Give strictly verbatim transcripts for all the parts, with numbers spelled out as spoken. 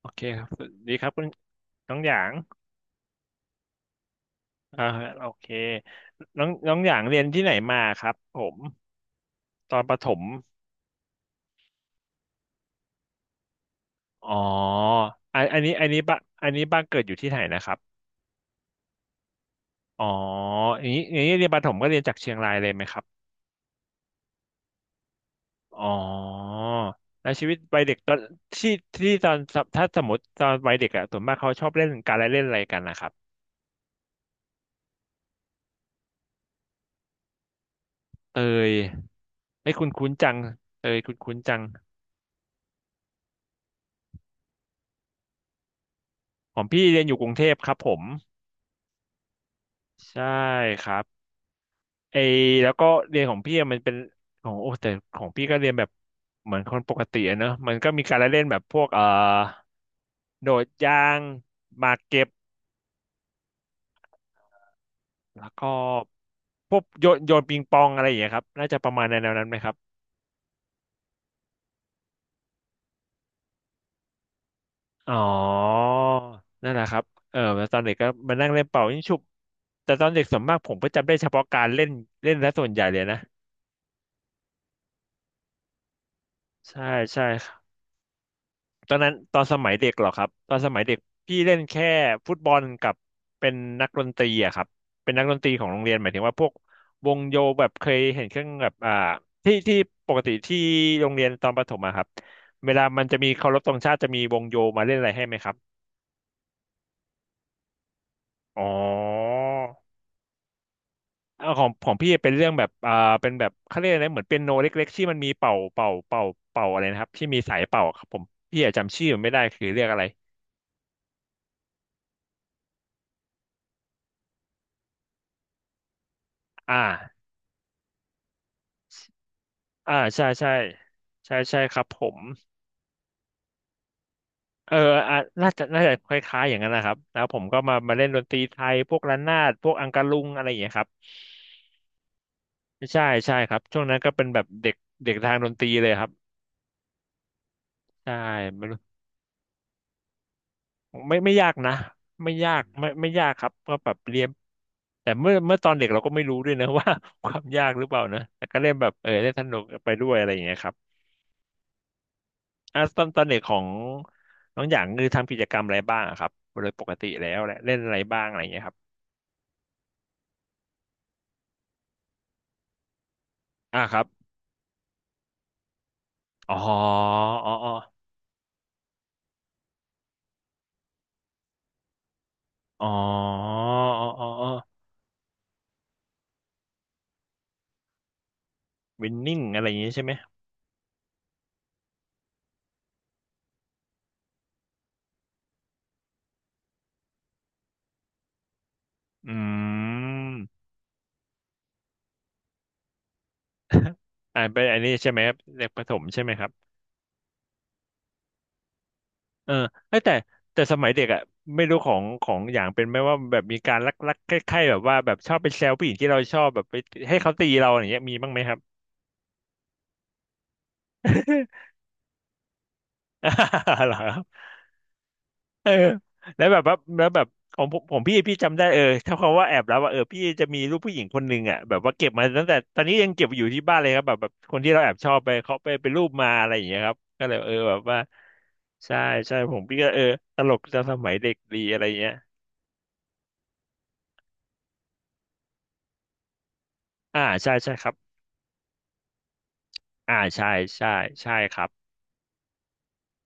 โอเคครับสวัสดีครับคุณน้องหยางอ่าโอเคน้องน้องหยางเรียนที่ไหนมาครับผมตอนประถมอ๋ออันอันนี้อันนี้บ้านอันนี้บ้านเกิดอยู่ที่ไหนนะครับอ๋ออย่างนี้อย่างนี้เรียนประถมก็เรียนจากเชียงรายเลยไหมครับอ๋อแล้วชีวิตวัยเด็กตอนที่ที่ตอนถ้าสมมติตอนวัยเด็กอะส่วนมากเขาชอบเล่นการละเล่นอะไรกันนะครับเตยไม่คุ้นคุ้นจังเตยคุ้นคุ้นจังของพี่เรียนอยู่กรุงเทพครับผมใช่ครับ ไอแล้วก็เรียนของพี่อะมันเป็นของโอ้แต่ของพี่ก็เรียนแบบเหมือนคนปกติอะเนอะมันก็มีการละเล่นแบบพวกเอ่อโดดยางหมากเก็บแล้วก็พวกโยนโยนปิงปองอะไรอย่างเงี้ยครับน่าจะประมาณในแนวนั้นไหมครับอ๋อนั่นแหละครับเออแล้วตอนเด็กก็มานั่งเล่นเป่ายิงฉุบแต่ตอนเด็กส่วนมากผมก็จำได้เฉพาะการเล่นเล่นและส่วนใหญ่เลยนะใช่ใช่ ตอนนั้นตอนสมัยเด็กเหรอครับตอนสมัยเด็กพี่เล่นแค่ฟุตบอลกับเป็นนักดนตรีอะครับเป็นนักดนตรีของโรงเรียนหมายถึงว่าพวกวงโยแบบเคยเห็นเครื่องแบบอ่าที่ที่ปกติที่โรงเรียนตอนประถมอะครับเวลามันจะมีเคารพธงชาติจะมีวงโยมาเล่นอะไรให้ไหมครับอ๋อเอาของของพี่เป็นเรื่องแบบอ่าเป็นแบบเขาเรียกอะไรเหมือนเปียโนเล็กๆที่มันมีเป่าเป่าเป่าเป่าอะไรนะครับที่มีสายเป่าครับผมพี่อะจำชื่อมันไม่ได้คือเรียกอะไรอ่า อ่าใช่ใช่ใช่ใช่ครับผมเอออ่ะน่าจะน่าจะคล้ายๆอย่างนั้นนะครับแล้วผมก็มามาเล่นดนตรีไทยพวกระนาดพวกอังกะลุงอะไรอย่างเงี้ยครับใช่ใช่ครับช่วงนั้นก็เป็นแบบเด็กเด็กทางดนตรีเลยครับใช่ไม่รู้ไม่ไม่ยากนะไม่ยากไม่ไม่ยากครับก็แบบเรียนแต่เมื่อเมื่อตอนเด็กเราก็ไม่รู้ด้วยนะ ว่า ความยากหรือเปล่านะแต่ก็เล่นแบบเออเล่นสนุกไปด้วยอะไรอย่างเงี้ยครับอ่ะตอนตอนเด็กของน้องหยางคือทำกิจกรรมอะไรบ้างอะครับโดยปกติแล้วแหละเล่นอะไรบ้างอะไรอย่างเงี้ยครับ อ่าครับอ๋ออ๋ออ๋ออ๋ออ๋ออ๋อวินนิ่งอะไรอย่างนี้ใช่ไหมอืมอ่าเป็นอันนี้ใช่ไหมครับเด็กประถมใช่ไหมครับเออเอ้ยแต่แต่สมัยเด็กอ่ะไม่รู้ของของอย่างเป็นไหมว่าแบบมีการลักลักใคล้ายๆแบบว่าแบบชอบไปแซวผู้หญิงที่เราชอบแบบไปให้เขาตีเราอย่างเงี้ยมีบ้างไหมครับ เหรอครับเออแล้วแบบว่าแล้วแบบของผมผมพี่พี่จำได้เออถ้าคำว่าแอบแล้วว่าเออพี่จะมีรูปผู้หญิงคนหนึ่งอ่ะแบบว่าเก็บมาตั้งแต่ตอนนี้ยังเก็บอยู่ที่บ้านเลยครับแบบแบบคนที่เราแอบชอบไปเขาไปเป็นรูปมาอะไรอย่างเงี้ยครับก็เลยเออแบบว่าใช่ใช่ผมพี่ก็เออตลกจากสมัยเด็กดีอะไรเงี้ยอ่าใช่ใช่ครับอ่าใช่ใช่ใช่ครับ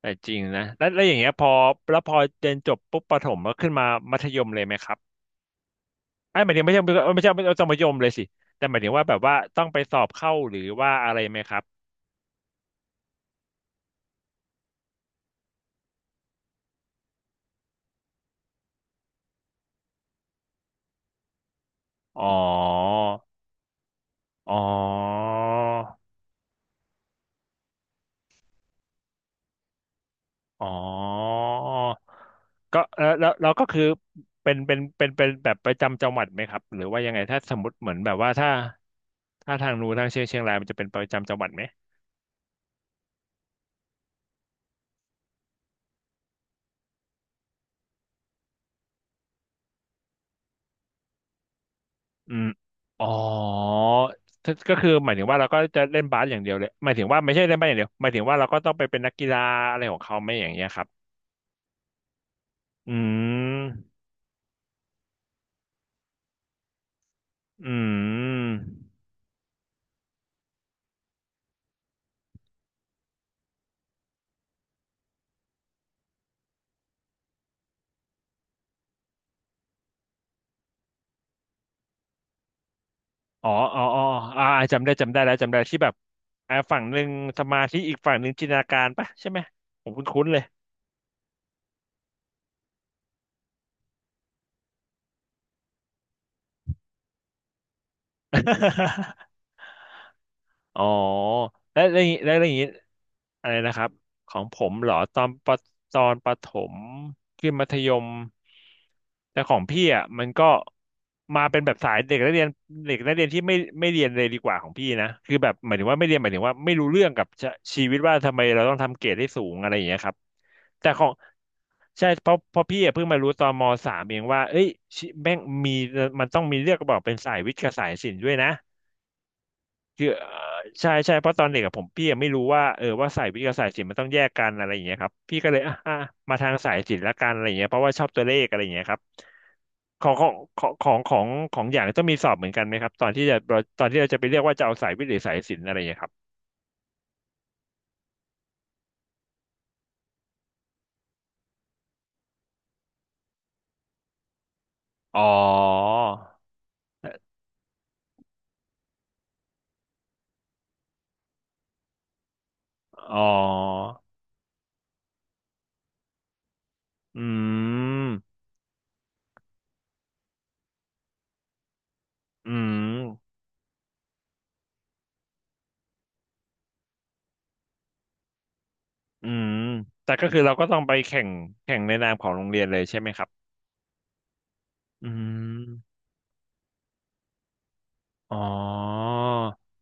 แต่จริงนะแล้วแล้วอย่างเงี้ยพอแล้วพอเรียนจบปุ๊บประถมก็ขึ้นมามัธยมเลยไหมครับ ไอ้หมายถึงไม่ใช่ไม่ใช่ไม่ใช่มัธยมเลยสิ แต่หมายถึงว่าแบบว่าต้องไปสอบเข้าหรือว่าอะไรไหมครับอ๋ออ๋ออ๋อก็เออแล้วเราก็คือเป็นเป็นเป็นเป็นแบบประจำจังหวัดไหมครับหรือว่ายังไงถ้าสมมติเหมือนแบบว่าถ้าถ้าทางนู้นทางเชียงเชียงรายมันจะเป็นประจำจังหวัดไหมอืมอ๋อถ้าก็คือหมายถึงว่าเราก็จะเล่นบาสอย่างเดียวเลยหมายถึงว่าไม่ใช่เล่นบาสอย่างเดียวหมายถึงว่าเราก็ต้องไปเป็นนักกีฬาอะไรของเขาไหมอย่างเงี้ยครับอืม อืม อ๋ออ๋ออ๋ออ่าจำได้จำได้แล้วจำได้ที่แบบอ่าฝั่งหนึ่งสมาธิอีกฝั่งหนึ่งจินตนาการปะใช่ไหมผมคุ้นๆเลย อ๋อแล้แล้วอย่างงี้และอย่างนี้อะไรนะครับของผมเหรอตอนปตอนประถมขึ้นมัธยมแต่ของพี่อ่ะมันก็มาเป็นแบบสายเด็กนักเรียนเด็กนักเรียนที่ไม่ไม่เรียนเลยดีกว่าของพี่นะคือแบบหมายถึงว่าไม่เรียนหมายถึงว่าไม่รู้เรื่องกับชะชีวิตว่าทำไมเราต้องทำเกรดให้สูงอะไรอย่างเงี้ยครับแต่ของใช่เพราะเพราะพี่อะเพิ่งมารู้ตอนมสามเองว่าเอ้ยชิแม่งมีมันต้องมีเลือกบอกเป็นสายวิทย์กับสายศิลป์ด้วยนะ คือเอ่อใช่ใช่เพราะตอนเด็กอะผมพี่ยังไม่รู้ว่าเออว่าสายวิทย์กับสายศิลป์มันต้องแยกกันอะไรอย่างเงี้ยครับพี่ก็เลยอ่ะอ่ะมาทางสายศิลป์ละกันอะไรอย่างเงี้ยเพราะว่าชอบตัวเลขอะไรอย่างเงี้ยครับของของของของของของอย่างต้องมีสอบเหมือนกันไหมครับตอนที่จะตอนที่เราจะไปเรียกว่าจะเอาสายวิทย์หรือสายศิลป์อะไรอย่างเงี้ยครับอ๋ออ๋ออืมอืมอืมแต่ก็คือเราก็ต้องไปแข่งแข่งในนามของโรงเรียนเลยใช่ไหมครับอืม อ๋อ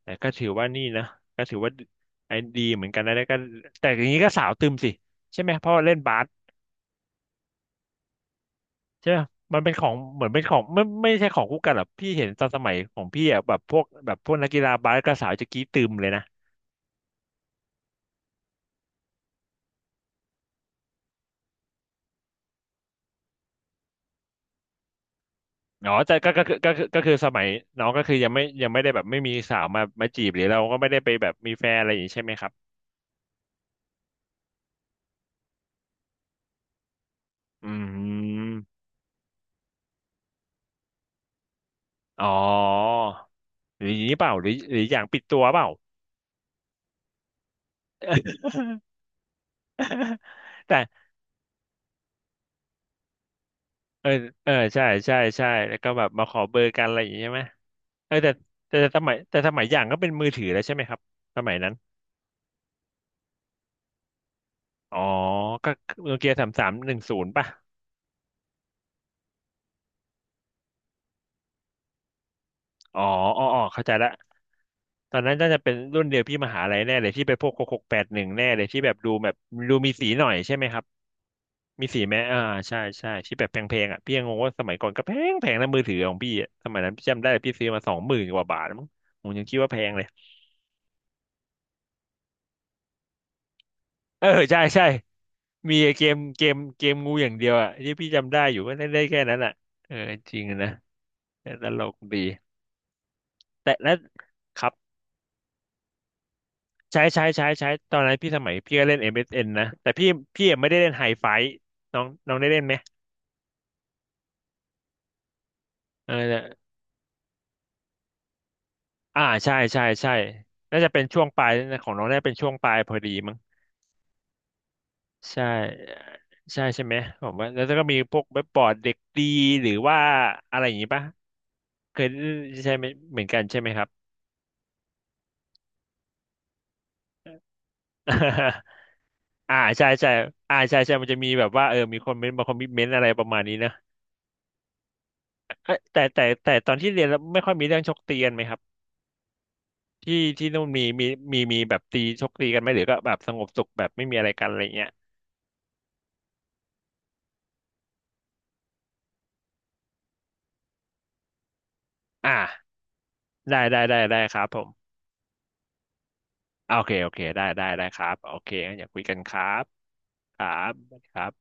แต่ก็ถือว่านี่นะก็ถือว่าไอ้ดีเหมือนกันนะแล้วก็แต่อย่างนี้ก็สาวตึมสิใช่ไหมเพราะว่าเล่นบาสใช่ไหมมันเป็นของเหมือนเป็นของไม่ไม่ใช่ของคู่กันหรอกพี่เห็นตอนสมัยของพี่อ่ะแบบพวกแบบพวกนักกีฬาบาสก็สาวจะกรี้ตึมเลยนะอ๋อแต่ก็ก็ก็ก็คือก็คือสมัยน้องก็คือยังไม่ยังไม่ได้แบบไม่มีสาวมามาจีบหรือเราก็ไม่ได้ไปแบบมีแฟนอะไรอย่างนี้ใช่ไหมครับอืมอ๋อหรืออย่างนี้เปล่าหรือหรืออย่างปิดตัวเปล่า แต่ เออเออใช่ใช่ใช่แล้วก็แบบมาขอเบอร์กันอะไรอย่างงี้ใช่ไหมเออแต่แต่แต่สมัยแต่สมัยอย่างก็เป็นมือถือแล้วใช่ไหมครับสมัยนั้น อ๋อก็โนเกียสามสามหนึ่งศูนย์ป่ะอ๋ออ๋ออ๋อเข้าใจละตอนนั้นน่าจะเป็นรุ่นเดียวพี่มหาลัยแน่เลยที่ไปพวกหกหกแปดหนึ่งแน่เลยที่แบบดูแบบดูมีสีหน่อยใช่ไหมครับมีสีไหมอ่าใช่ใช่ที่แบบแพงๆอ่ะพี่ยังงงว่าสมัยก่อนก็แพงแพงนะมือถือของพี่อะสมัยนั้นพี่จำได้พี่ซื้อมาสองหมื่นกว่าบาทมั้งผมยังคิดว่าแพงเลย เออใช่ใช่มีเกมเกมเกมงูอย่างเดียวอ่ะที่พี่จำได้อยู่ก็เล่นได้แค่นั้นอ่ะเออจริงนะแต่ตลกดีแต่แล้วครับใช้ใช้ใช้ใช้ตอนนั้นพี่สมัยพี่ก็เล่น เอ็ม เอส เอ็น นนะแต่พี่พี่ยังไม่ได้เล่นไฮไฟน้องน้องได้เล่นไหมเออแต่อ่าใช่ใช่ใช่น่าจะเป็นช่วงปลายนะของน้องน่าจะเป็นช่วงปลายพอดีมั้งใช่ใช่ใช่ไหมผมว่าแล้วก็มีพวกเว็บบอร์ดเด็กดีหรือว่าอะไรอย่างงี้ปะเคยใช่ไหมเหมือนกันใช่ไหมครับ อ่าใช่ใช่อ่าใช่ใช่มันจะมีแบบว่าเออมีคนเมนต์บางคนมีเมนต์อะไรประมาณนี้นะเอ้ยแต่แต่แต่ตอนที่เรียนแล้วไม่ค่อยมีเรื่องชกตีกันไหมครับที่ที่นู่นมีมีมีมีแบบตีชกตีกันไหมหรือก็แบบสงบสุขแบบไม่มีอะไรกันอะไรเงี้ยอ่าได้ได้ได้ได้ครับผมโอเคโอเคได้ได้ได้ครับโอเคงั้นอย่าคุยกันครับครับครับ